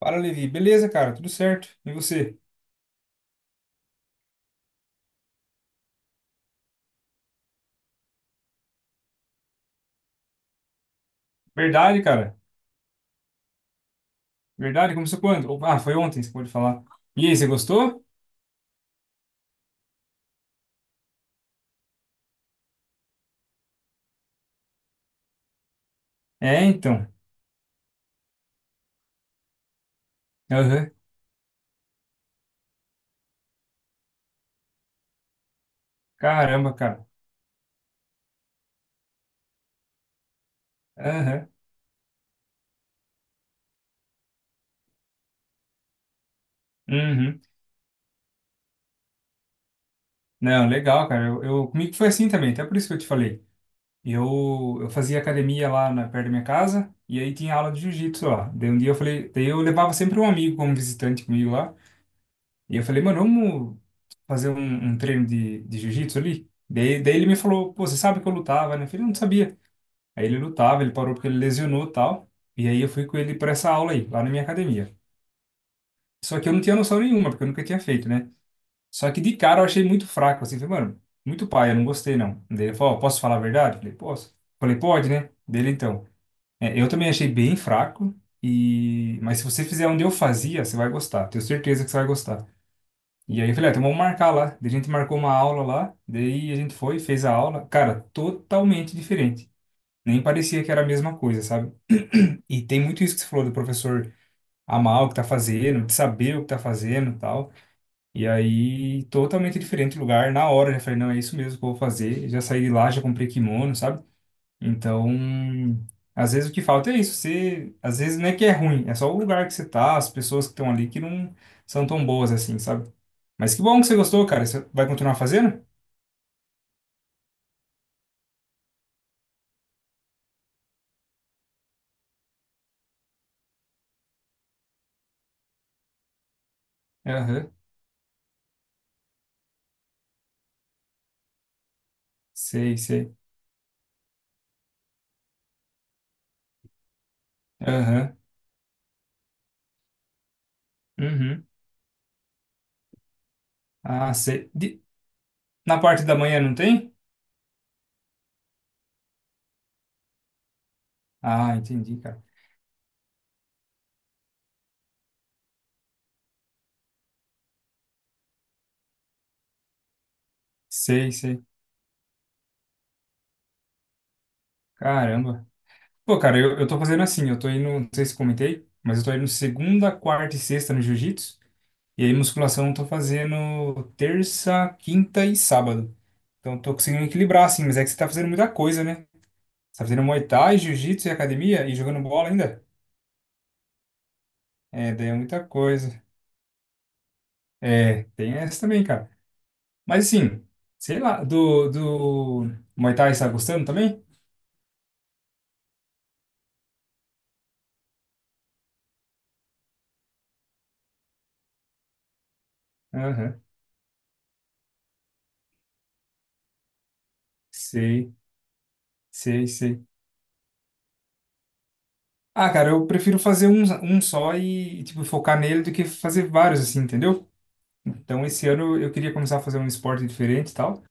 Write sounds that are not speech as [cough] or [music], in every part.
Fala, Levi. Beleza, cara? Tudo certo. E você? Verdade, cara. Verdade? Começou quando? Opa, ah, foi ontem, você pode falar. E aí, você gostou? É, então. Aham. Caramba, cara. Aham. Uhum. Não, legal, cara. Comigo foi assim também, até por isso que eu te falei. Eu fazia academia lá perto da minha casa, e aí tinha aula de jiu-jitsu lá. Daí um dia eu falei, daí eu levava sempre um amigo como visitante comigo lá. E eu falei, mano, vamos fazer um treino de jiu-jitsu ali? Daí ele me falou, pô, você sabe que eu lutava, né? Eu falei, não sabia. Aí ele lutava, ele parou porque ele lesionou e tal. E aí eu fui com ele para essa aula aí, lá na minha academia. Só que eu não tinha noção nenhuma, porque eu nunca tinha feito, né? Só que de cara eu achei muito fraco, assim, falei, mano, muito pai, eu não gostei não. Daí ele falou, ó, posso falar a verdade? Falei, posso. Falei, pode, né? Dele então. É, eu também achei bem fraco, mas se você fizer onde eu fazia, você vai gostar, tenho certeza que você vai gostar. E aí eu falei, ah, então vamos marcar lá. Daí a gente marcou uma aula lá, daí a gente foi, fez a aula. Cara, totalmente diferente. Nem parecia que era a mesma coisa, sabe? E tem muito isso que você falou do professor amar o que tá fazendo, de saber o que tá fazendo e tal. E aí, totalmente diferente o lugar. Na hora, eu já falei, não, é isso mesmo que eu vou fazer. Já saí de lá, já comprei kimono, sabe? Então, às vezes o que falta é isso. Você, às vezes não é que é ruim, é só o lugar que você tá, as pessoas que estão ali que não são tão boas assim, sabe? Mas que bom que você gostou, cara. Você vai continuar fazendo? Aham, sei, sei. Aham, uhum. Ah, sei. Na parte da manhã não tem? Ah, entendi, cara. Sei, sei. Caramba. Pô, cara, eu tô fazendo assim, eu tô indo, não sei se comentei, mas eu tô indo segunda, quarta e sexta no jiu-jitsu, e aí musculação eu tô fazendo terça, quinta e sábado. Então eu tô conseguindo equilibrar, assim, mas é que você tá fazendo muita coisa, né? Você tá fazendo Muay Thai, jiu-jitsu e academia e jogando bola ainda? É, daí é muita coisa. É, tem essa também, cara. Mas assim, sei lá, do Muay Thai você tá gostando também? Aham, sei, sei, sei. Ah, cara, eu prefiro fazer um só e, tipo, focar nele do que fazer vários, assim, entendeu? Então, esse ano eu queria começar a fazer um esporte diferente e tal.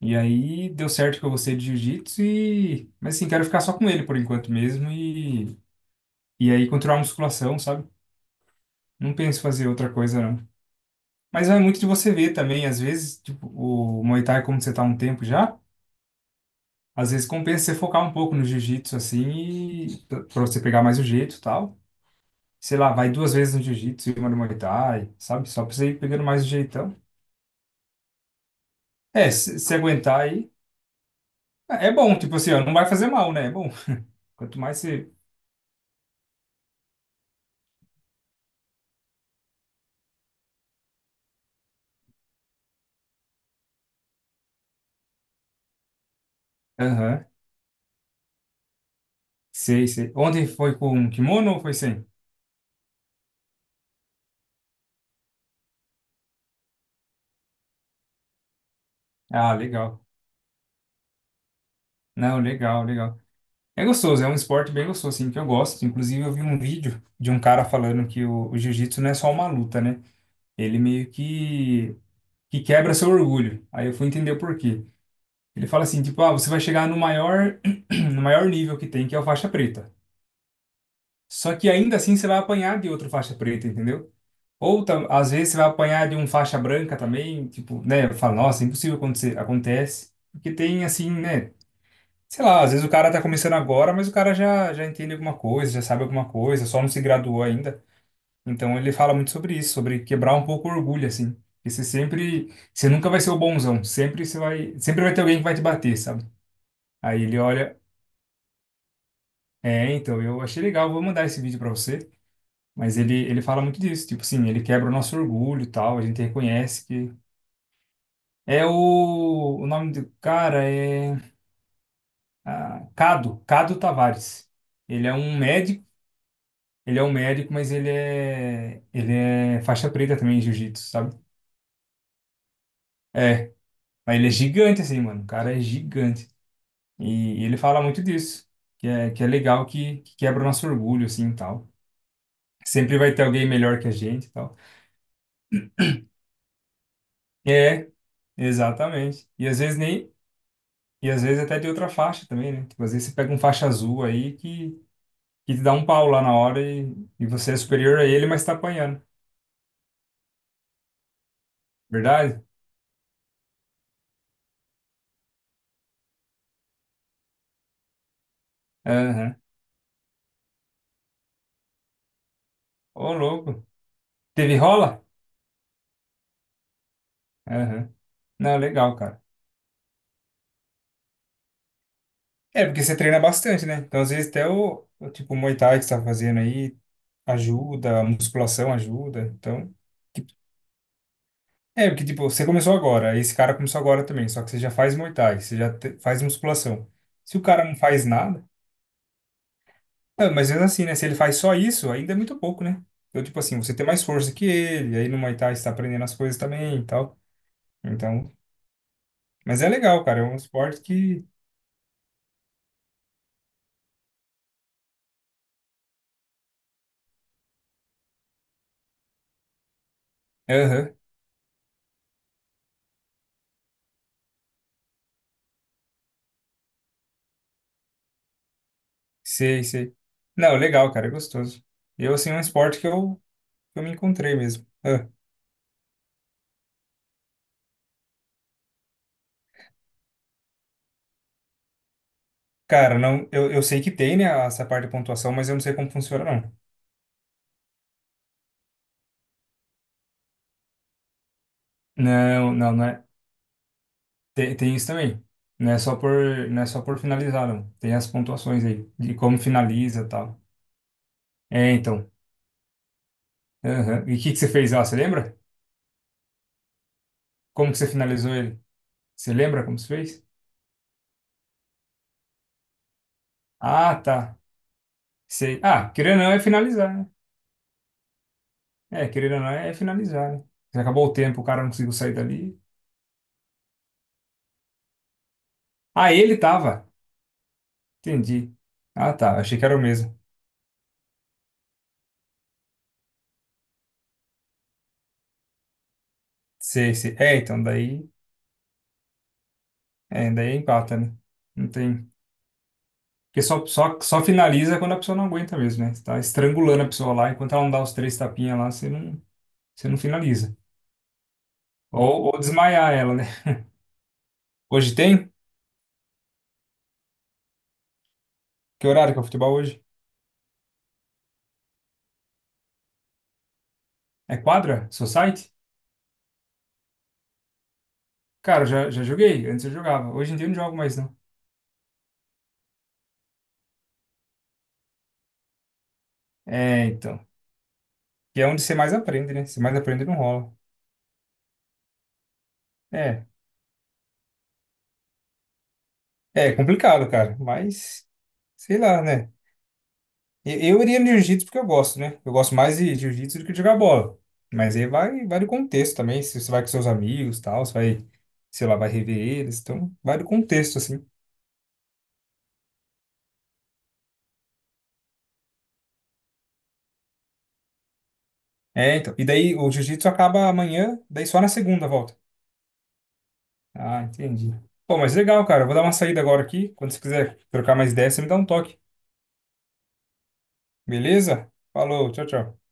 E aí, deu certo que eu gostei de jiu-jitsu Mas, assim, quero ficar só com ele por enquanto mesmo E aí, continuar a musculação, sabe? Não penso em fazer outra coisa, não. Mas vai muito de você ver também. Às vezes, tipo, o Muay Thai, como você tá há um tempo já, às vezes compensa você focar um pouco no jiu-jitsu, assim, pra você pegar mais o jeito e tal. Sei lá, vai duas vezes no jiu-jitsu e uma no Muay Thai, sabe? Só pra você ir pegando mais o jeitão. É, se aguentar aí, é bom, tipo assim, ó, não vai fazer mal, né? É bom. Quanto mais você. Aham, sei, sei. Ontem foi com um kimono ou foi sem? Ah, legal. Não, legal, legal. É gostoso, é um esporte bem gostoso, assim, que eu gosto. Inclusive, eu vi um vídeo de um cara falando que o jiu-jitsu não é só uma luta, né? Ele meio que quebra seu orgulho. Aí eu fui entender o porquê. Ele fala assim, tipo, ah, você vai chegar no maior, [clears throat] no maior nível que tem, que é o faixa preta. Só que ainda assim você vai apanhar de outro faixa preta, entendeu? Às vezes você vai apanhar de um faixa branca também, tipo, né? Fala, nossa, impossível acontecer. Acontece. Porque tem assim, né? Sei lá, às vezes o cara tá começando agora, mas o cara já entende alguma coisa, já sabe alguma coisa, só não se graduou ainda. Então ele fala muito sobre isso, sobre quebrar um pouco o orgulho, assim. Porque você nunca vai ser o bonzão, sempre vai ter alguém que vai te bater, sabe? Aí ele olha. É, então, eu achei legal, vou mandar esse vídeo pra você, mas ele fala muito disso, tipo assim, ele quebra o nosso orgulho e tal, a gente reconhece que... É o nome do cara é Cado, Tavares. Ele é um médico, mas ele é faixa preta também em jiu-jitsu, sabe? É, mas ele é gigante assim, mano, o cara é gigante. E, ele fala muito disso, que é legal que quebra o nosso orgulho assim e tal. Sempre vai ter alguém melhor que a gente e tal. É, exatamente. E às vezes nem. E às vezes até de outra faixa também, né? Tipo, às vezes você pega um faixa azul aí que te dá um pau lá na hora e você é superior a ele, mas tá apanhando. Verdade? Aham. Ô, louco. Teve rola? Aham. Não, legal, cara. É, porque você treina bastante, né? Então, às vezes até o tipo, o Muay Thai que você tá fazendo aí ajuda, a musculação ajuda. Então, tipo, é, porque, tipo, você começou agora, aí esse cara começou agora também, só que você já faz Muay Thai, você já faz musculação. Se o cara não faz nada. Ah, mas mesmo assim, né? Se ele faz só isso, ainda é muito pouco, né? Então, tipo assim, você tem mais força que ele, aí no Muay Thai você tá aprendendo as coisas também e tal. Então, mas é legal, cara. É um esporte que. Aham, sei, sei. Não, legal, cara, é gostoso. Eu, assim, é um esporte que eu me encontrei mesmo. Ah, cara, não, eu sei que tem, né, essa parte de pontuação, mas eu não sei como funciona, não. Não, não, não é. Tem isso também. Não é só por, não é só por finalizar, não. Tem as pontuações aí, de como finaliza e tal. É, então. Aham. E o que que você fez lá, você lembra? Como que você finalizou ele? Você lembra como você fez? Ah, tá. Sei. Ah, querendo ou não é finalizar, né? É, querendo ou não é finalizar, né? Já acabou o tempo, o cara não conseguiu sair dali. Ah, ele tava. Entendi. Ah, tá. Achei que era o mesmo. Sei, sei. É, então daí é empata, né? Não tem. Porque só finaliza quando a pessoa não aguenta mesmo, né? Você tá estrangulando a pessoa lá, enquanto ela não dá os três tapinhas lá, você não finaliza. Ou desmaiar ela, né? Hoje tem? Que horário que é o futebol hoje? É quadra? Society? Cara, eu já joguei. Antes eu jogava. Hoje em dia eu não jogo mais, não. É, então. Que é onde você mais aprende, né? Você mais aprende não rola. É. É complicado, cara. Mas, sei lá, né? Eu iria no jiu-jitsu porque eu gosto, né? Eu gosto mais de jiu-jitsu do que de jogar bola. Mas aí vai do contexto também. Se você vai com seus amigos e tal, você vai, sei lá, vai rever eles. Então, vai do contexto, assim. É, então. E daí o jiu-jitsu acaba amanhã, daí só na segunda volta. Ah, entendi. Pô, mas legal, cara. Eu vou dar uma saída agora aqui. Quando você quiser trocar mais ideias, você me dá um toque. Beleza? Falou, tchau, tchau.